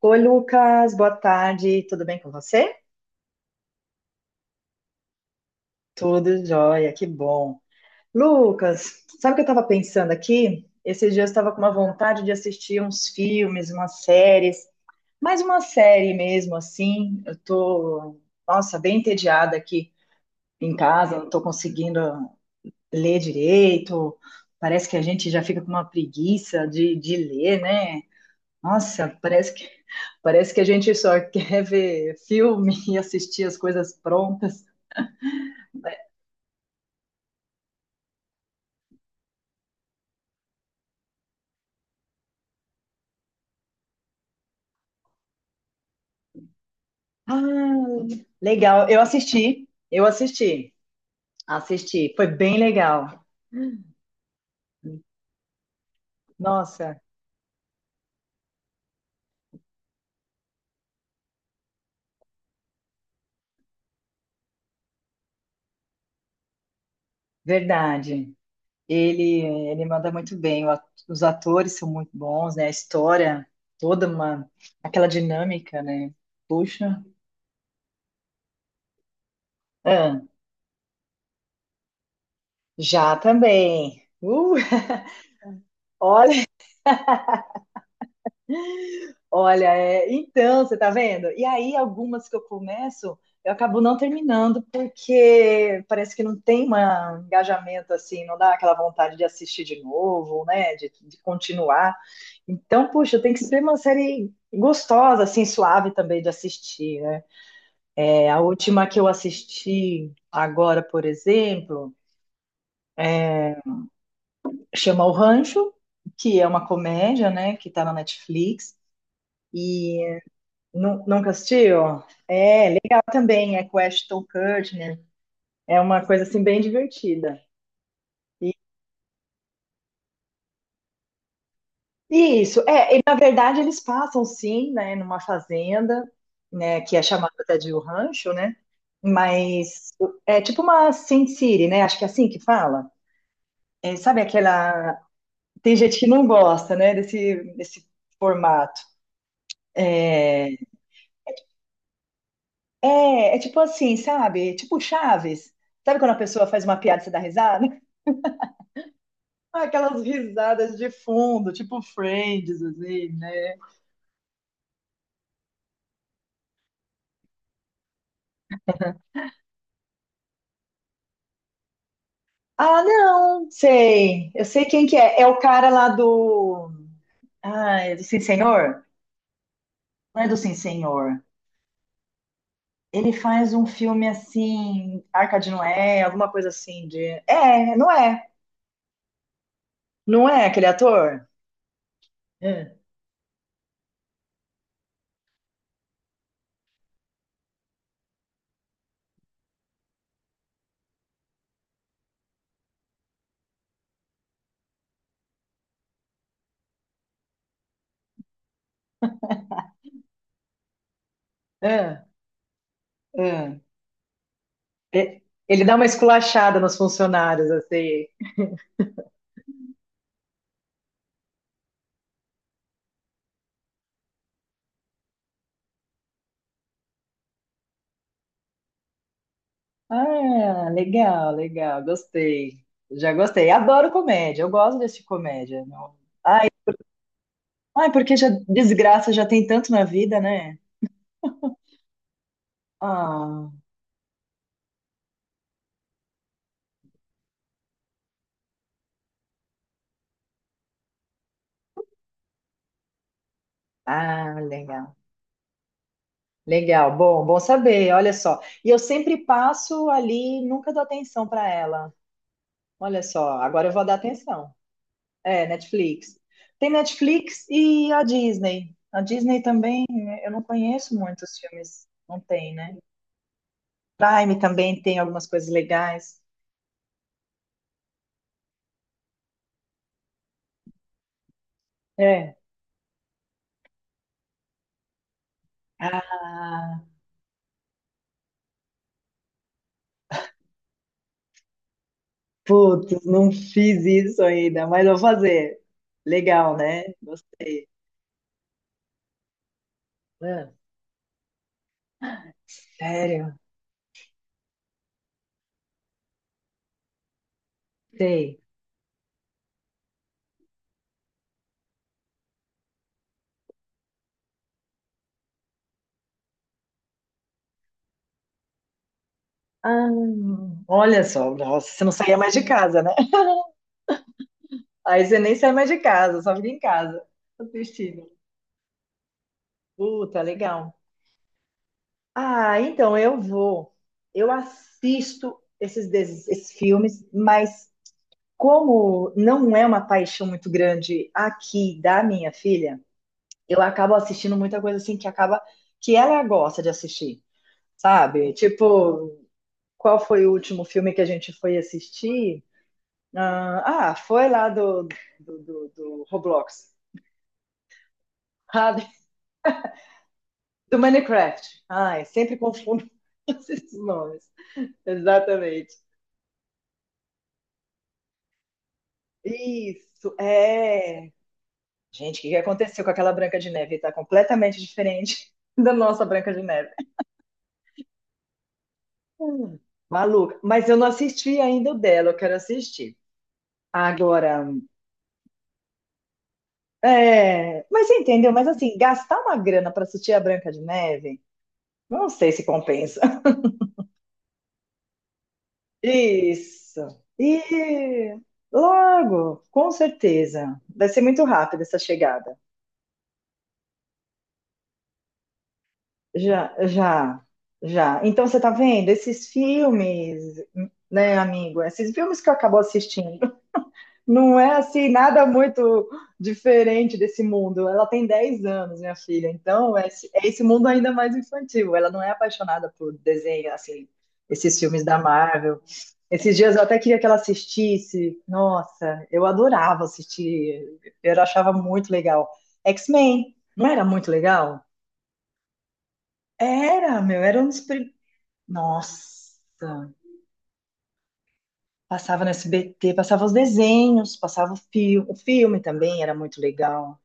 Oi, Lucas, boa tarde, tudo bem com você? Tudo jóia, que bom. Lucas, sabe o que eu estava pensando aqui? Esses dias eu estava com uma vontade de assistir uns filmes, umas séries, mais uma série mesmo, assim. Eu tô, nossa, bem entediada aqui em casa, não estou conseguindo ler direito. Parece que a gente já fica com uma preguiça de ler, né? Nossa, parece que a gente só quer ver filme e assistir as coisas prontas. Ah, legal. Eu assisti. Foi bem legal. Nossa, verdade. Ele, ele manda muito bem. Os atores são muito bons, né? A história, toda uma, aquela dinâmica, né? Puxa. Ah, já também. Olha, é, então, você tá vendo? E aí, algumas que eu começo, eu acabo não terminando, porque parece que não tem um engajamento assim, não dá aquela vontade de assistir de novo, né? De continuar. Então, puxa, tem que ser uma série gostosa, assim, suave também de assistir, né? É, a última que eu assisti agora, por exemplo, chama O Rancho, que é uma comédia, né? Que tá na Netflix. Nunca assistiu? É, legal também. É com o Ashton Kutcher. É uma coisa assim bem divertida. E e isso, é, e, na verdade eles passam sim, né, numa fazenda, né, que é chamada até de o rancho, né? Mas é tipo uma Sin City, né? Acho que é assim que fala. É, sabe aquela. Tem gente que não gosta, né, desse formato. É, é, tipo assim, sabe? Tipo Chaves. Sabe quando a pessoa faz uma piada e você dá risada? Ah, aquelas risadas de fundo, tipo Friends, assim, né? Ah, não, sei. Eu sei quem que é. É o cara lá do. Ah, é do Sim Senhor? Não é do Sim Senhor. Ele faz um filme assim, Arca de Noé, alguma coisa assim de. É, não é. Não é aquele ator? É, é, é. E- Ele dá uma esculachada nos funcionários, assim. Ah, legal, legal, gostei. Já gostei. Adoro comédia, eu gosto desse comédia. Ai, porque já desgraça já tem tanto na vida, né? Ah, ah, legal. Legal, bom, bom saber, olha só. E eu sempre passo ali, nunca dou atenção para ela. Olha só, agora eu vou dar atenção. É, Netflix. Tem Netflix e a Disney. A Disney também, né, eu não conheço muitos filmes, não tem, né? Prime também tem algumas coisas legais. É. Ah, putz, não fiz isso ainda, mas vou fazer. Legal, né? Gostei. Ah, sério? Sei. Ah, olha só, nossa, você não saía mais de casa, né? Aí você nem sai mais de casa, só fica em casa assistindo. Puta, legal. Ah, então eu vou. Eu assisto esses filmes, mas como não é uma paixão muito grande aqui da minha filha, eu acabo assistindo muita coisa assim que acaba que ela gosta de assistir. Sabe? Tipo, qual foi o último filme que a gente foi assistir? Ah, ah, foi lá do Roblox, sabe? Do Minecraft. Ai, sempre confundo esses nomes. Exatamente. Isso, é. Gente, o que que aconteceu com aquela Branca de Neve? Tá completamente diferente da nossa Branca de Neve. Hum, Maluca. Mas eu não assisti ainda o dela, eu quero assistir. Agora. É, mas você entendeu? Mas assim, gastar uma grana para assistir a Branca de Neve, não sei se compensa. Isso. E logo, com certeza. Vai ser muito rápido essa chegada. Já, já, já. Então você tá vendo esses filmes, né, amigo? Esses filmes que eu acabo assistindo. Não é assim nada muito diferente desse mundo. Ela tem 10 anos, minha filha. Então, é esse mundo ainda mais infantil. Ela não é apaixonada por desenho, assim, esses filmes da Marvel. Esses dias eu até queria que ela assistisse. Nossa, eu adorava assistir. Eu achava muito legal. X-Men, não era muito legal? Era, meu, era um dos prim- Nossa, passava no SBT, passava os desenhos, passava o filme também, era muito legal.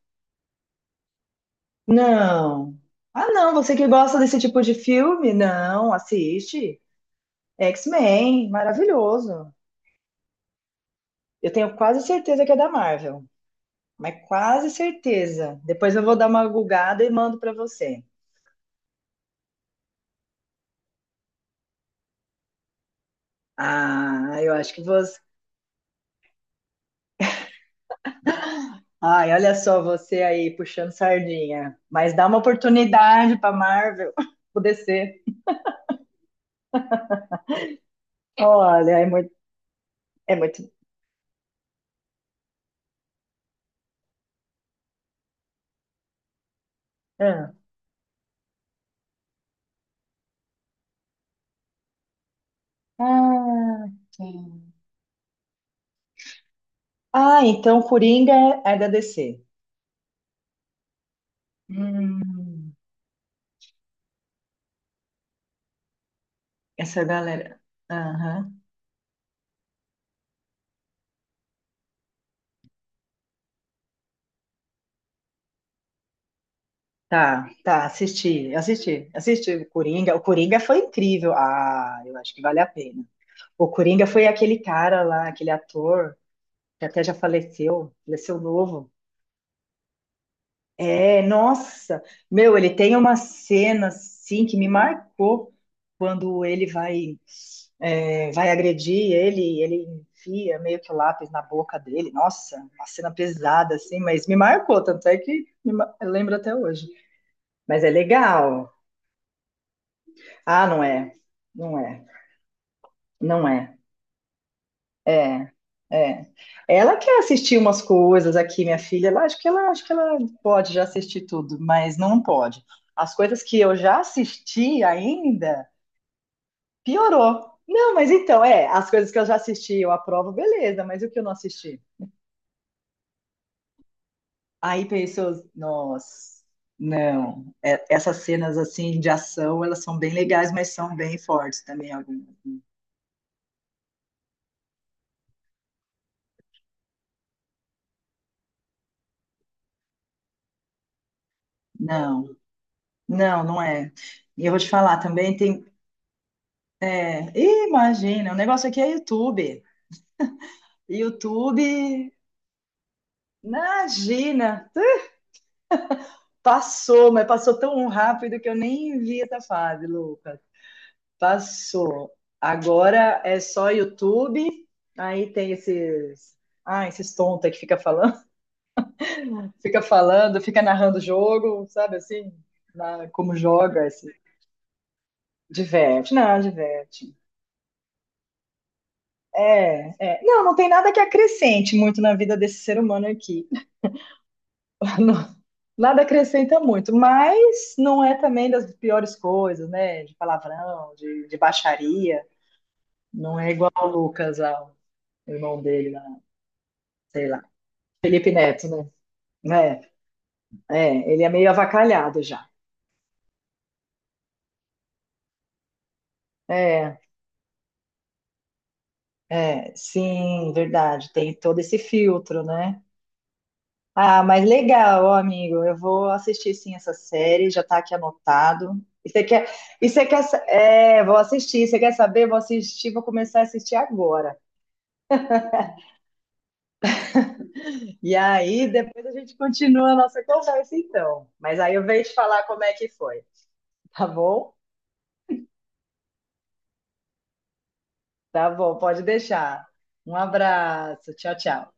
Não. Ah, não, você que gosta desse tipo de filme? Não, assiste. X-Men, maravilhoso. Eu tenho quase certeza que é da Marvel, mas quase certeza. Depois eu vou dar uma gugada e mando pra você. Ah, eu acho que você. Ai, olha só você aí puxando sardinha. Mas dá uma oportunidade pra Marvel, poder ser. Olha, é muito. Ah, ah, sim. Ah, então Coringa é da DC. Hum. Essa galera. Aham. Tá, tá, assisti o Coringa. O Coringa foi incrível. Ah, eu acho que vale a pena. O Coringa foi aquele cara lá, aquele ator que até já faleceu, faleceu novo. É, nossa, meu, ele tem uma cena assim que me marcou quando ele vai agredir ele, ele enfia meio que o lápis na boca dele. Nossa, uma cena pesada assim, mas me marcou, tanto é que eu lembro até hoje. Mas é legal. Ah, não é. Não é. Não é. É. É. Ela quer assistir umas coisas aqui, minha filha. Ela, acho que ela pode já assistir tudo, mas não pode. As coisas que eu já assisti ainda, piorou. Não, mas então, é, as coisas que eu já assisti, eu aprovo, beleza, mas e o que eu não assisti? Aí pensou, nossa, não, essas cenas assim de ação, elas são bem legais, mas são bem fortes também algumas. Não, não, não é. E eu vou te falar também, tem. É, ih, imagina, o negócio aqui é YouTube. YouTube, imagina, passou, mas passou tão rápido que eu nem vi essa fase, Lucas. Passou. Agora é só YouTube, aí tem esses. Ah, esses tontos aí que fica falando, fica falando, fica narrando o jogo, sabe assim? Como joga, se diverte. Não, diverte. É, é. Não, não tem nada que acrescente muito na vida desse ser humano aqui. Não, nada acrescenta muito, mas não é também das piores coisas, né? De palavrão, de baixaria. Não é igual ao Lucas, ao irmão dele, lá, sei lá. Felipe Neto, né? É, é, ele é meio avacalhado já. É, é, sim, verdade. Tem todo esse filtro, né? Ah, mas legal, ó, amigo. Eu vou assistir sim essa série, já tá aqui anotado. E você quer, vou assistir. Você quer saber? Vou assistir, vou começar a assistir agora. E aí, depois a gente continua a nossa conversa, então. Mas aí eu venho te falar como é que foi, tá bom? Tá bom, pode deixar. Um abraço, tchau, tchau.